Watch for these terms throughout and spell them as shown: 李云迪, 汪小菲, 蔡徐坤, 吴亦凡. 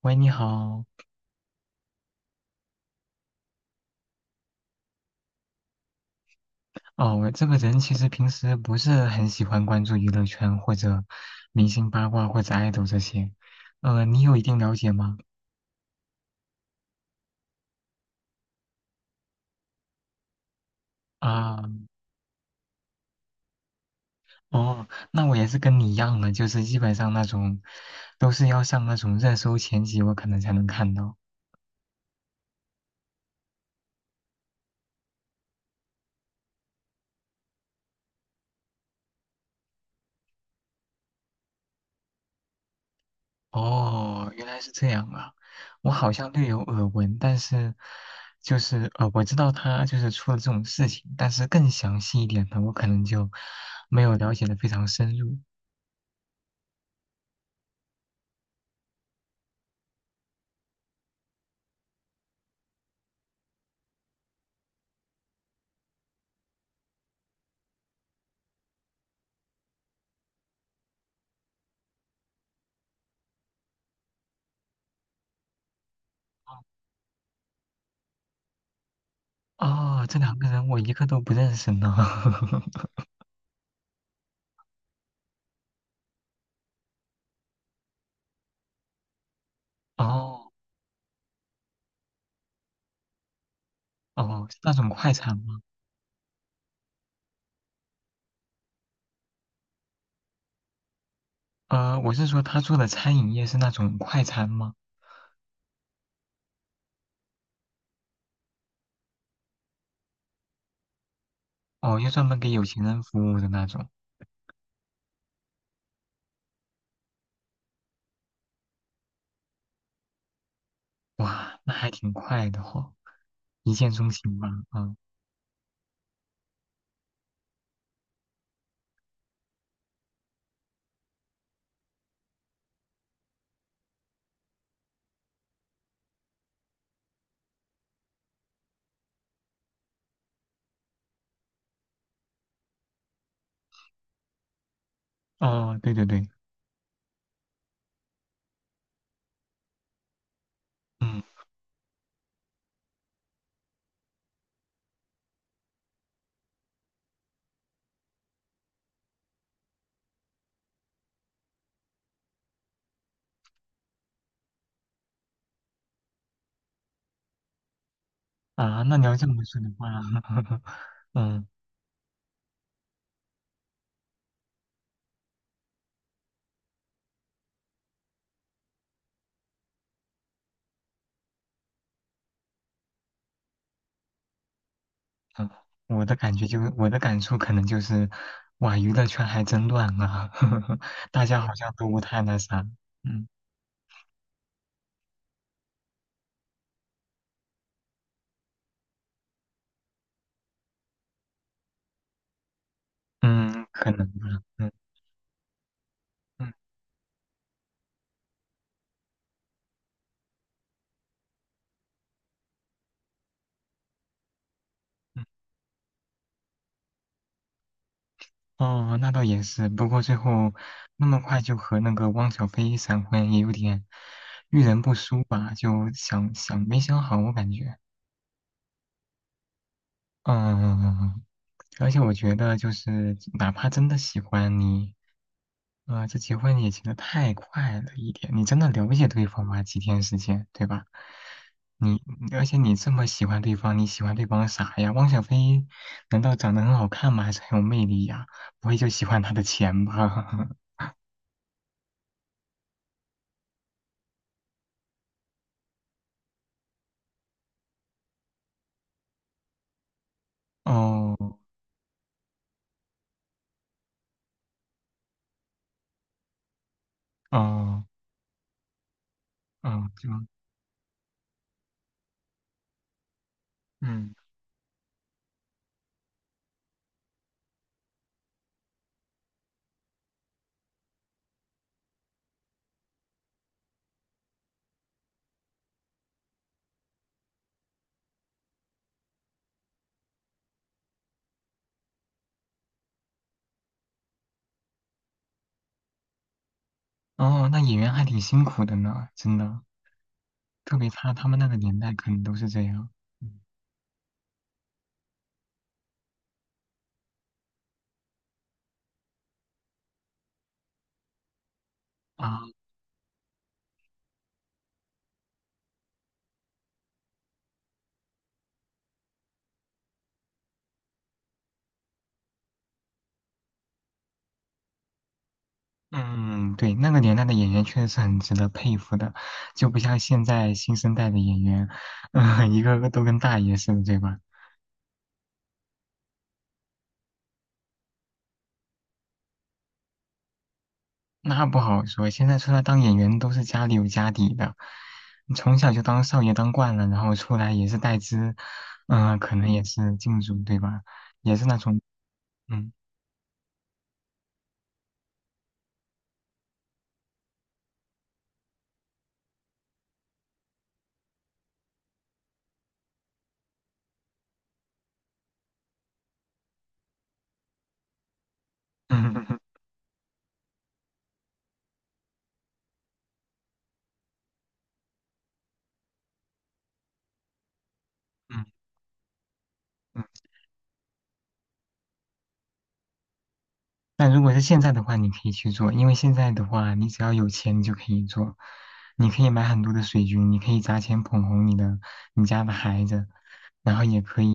喂，你好。哦，我这个人其实平时不是很喜欢关注娱乐圈或者明星八卦或者爱豆这些。你有一定了解吗？啊，哦，那我也是跟你一样的，就是基本上那种都是要上那种热搜前几，我可能才能看到。哦，原来是这样啊。我好像略有耳闻，但是就是,我知道他就是出了这种事情，但是更详细一点的，我可能就没有了解的非常深入。哦，这两个人我一个都不认识呢。哦哦，是那种快餐吗？呃，我是说他做的餐饮业是那种快餐吗？哦，又专门给有钱人服务的那种。哇，那还挺快的哦，一见钟情吧？啊，哦，对对对，嗯啊，那你要这么说的话，嗯嗯，我的感觉就我的感触可能就是，哇，娱乐圈还真乱啊，大家好像都不太那啥，嗯嗯，可能吧，嗯。嗯哦，那倒也是。不过最后那么快就和那个汪小菲闪婚，也有点遇人不淑吧？就想想没想好，我感觉。嗯，而且我觉得就是，哪怕真的喜欢你，啊、这结婚也结的太快了一点。你真的了解对方吗？几天时间，对吧？你而且你这么喜欢对方，你喜欢对方啥呀？汪小菲难道长得很好看吗？还是很有魅力呀？不会就喜欢他的钱吧？哦哦哦，就嗯哦，那演员还挺辛苦的呢，真的，特别他们那个年代可能都是这样。嗯啊。嗯，对，那个年代的演员确实是很值得佩服的，就不像现在新生代的演员，嗯、一个个都跟大爷似的，对吧？那不好说，现在出来当演员都是家里有家底的，从小就当少爷当惯了，然后出来也是带资，嗯、可能也是进组，对吧？也是那种，嗯 嗯嗯嗯 但如果是现在的话，你可以去做，因为现在的话，你只要有钱，你就可以做。你可以买很多的水军，你可以砸钱捧红你的你家的孩子，然后也可以，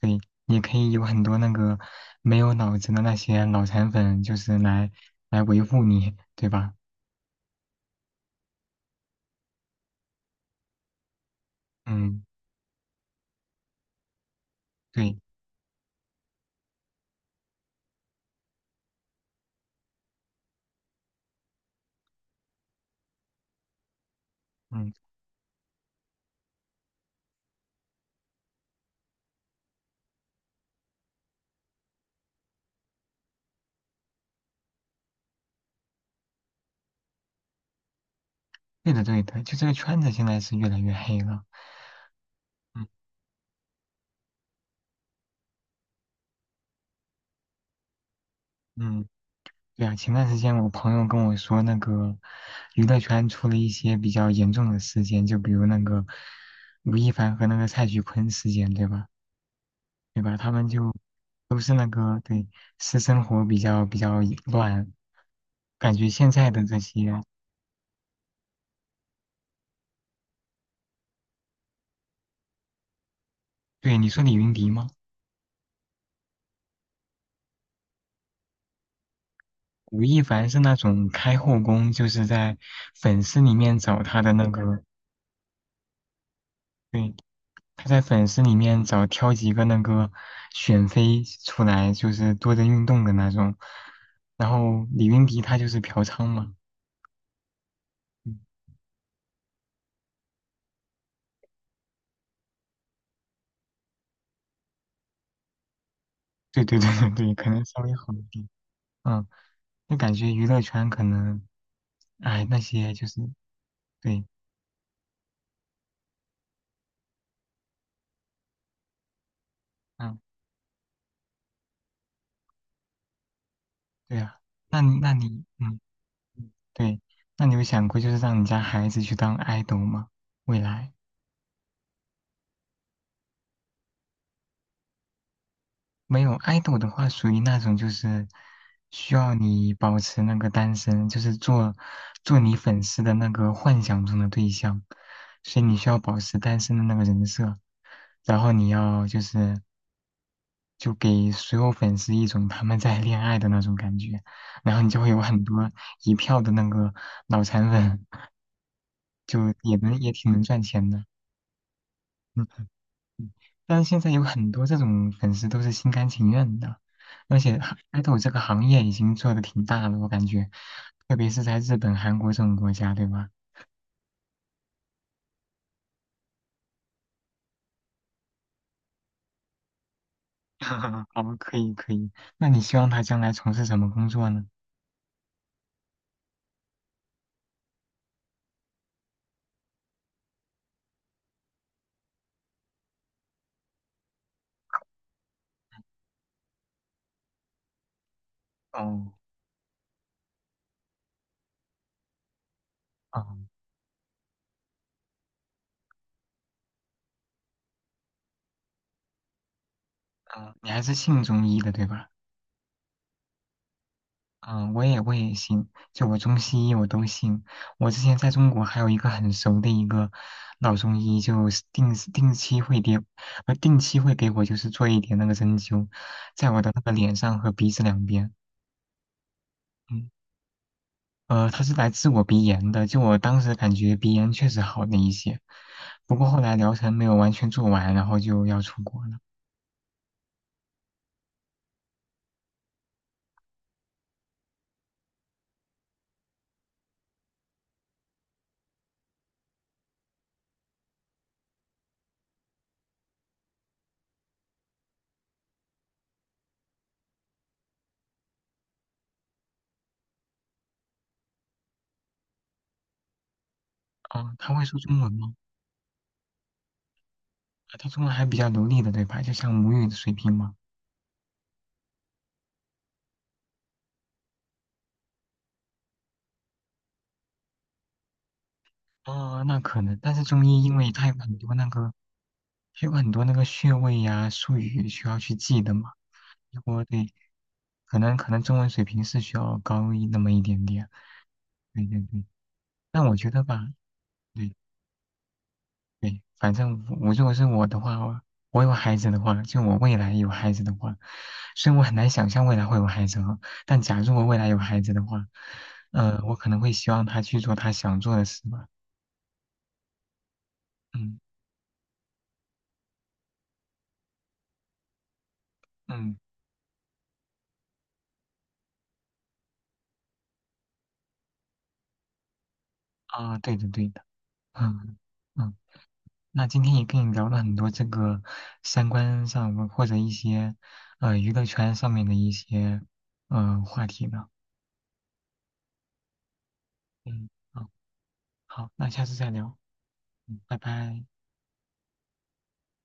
对，也可以有很多那个没有脑子的那些脑残粉，就是来维护你，对吧？嗯，对，嗯，对的，对的，就这个圈子现在是越来越黑了，嗯嗯。对啊，前段时间我朋友跟我说，那个娱乐圈出了一些比较严重的事件，就比如那个吴亦凡和那个蔡徐坤事件，对吧？对吧？他们就都是那个对私生活比较乱，感觉现在的这些，对你说李云迪吗？吴亦凡是那种开后宫，就是在粉丝里面找他的那个，对，他在粉丝里面找挑几个那个选妃出来，就是多人运动的那种。然后李云迪他就是嫖娼嘛，嗯，对对对对对，可能稍微好一点。嗯，那感觉娱乐圈可能，哎，那些就是对，嗯，对啊。那你，嗯，对，那你有想过就是让你家孩子去当 idol 吗？未来？没有爱豆的话，属于那种就是需要你保持那个单身，就是做做你粉丝的那个幻想中的对象，所以你需要保持单身的那个人设，然后你要就是就给所有粉丝一种他们在恋爱的那种感觉，然后你就会有很多一票的那个脑残粉，就也能也挺能赚钱的。嗯但是现在有很多这种粉丝都是心甘情愿的，而且哈爱豆这个行业已经做的挺大了，我感觉，特别是在日本、韩国这种国家，对吧？好，可以可以。那你希望他将来从事什么工作呢？哦，哦，哦，你还是信中医的，对吧？嗯，我也信，就我中西医我都信。我之前在中国还有一个很熟的一个老中医，就是定时定期会给，定期会给我就是做一点那个针灸，在我的那个脸上和鼻子两边。嗯，他是来治我鼻炎的，就我当时感觉鼻炎确实好了一些，不过后来疗程没有完全做完，然后就要出国了。啊，他会说中文吗？啊他中文还比较流利的，对吧？就像母语的水平吗？哦，那可能，但是中医因为它有很多那个，它有很多那个穴位呀、术语需要去记的嘛。如果对，可能中文水平是需要高一那么一点点。对对对，但我觉得吧，对对，反正我如果是我的话，我有孩子的话，就我未来有孩子的话，虽然我很难想象未来会有孩子啊，但假如我未来有孩子的话，我可能会希望他去做他想做的事吧。嗯嗯啊，对的对的。嗯嗯，那今天也跟你聊了很多这个三观上或者一些娱乐圈上面的一些话题呢。嗯，好，好，那下次再聊。嗯，拜拜。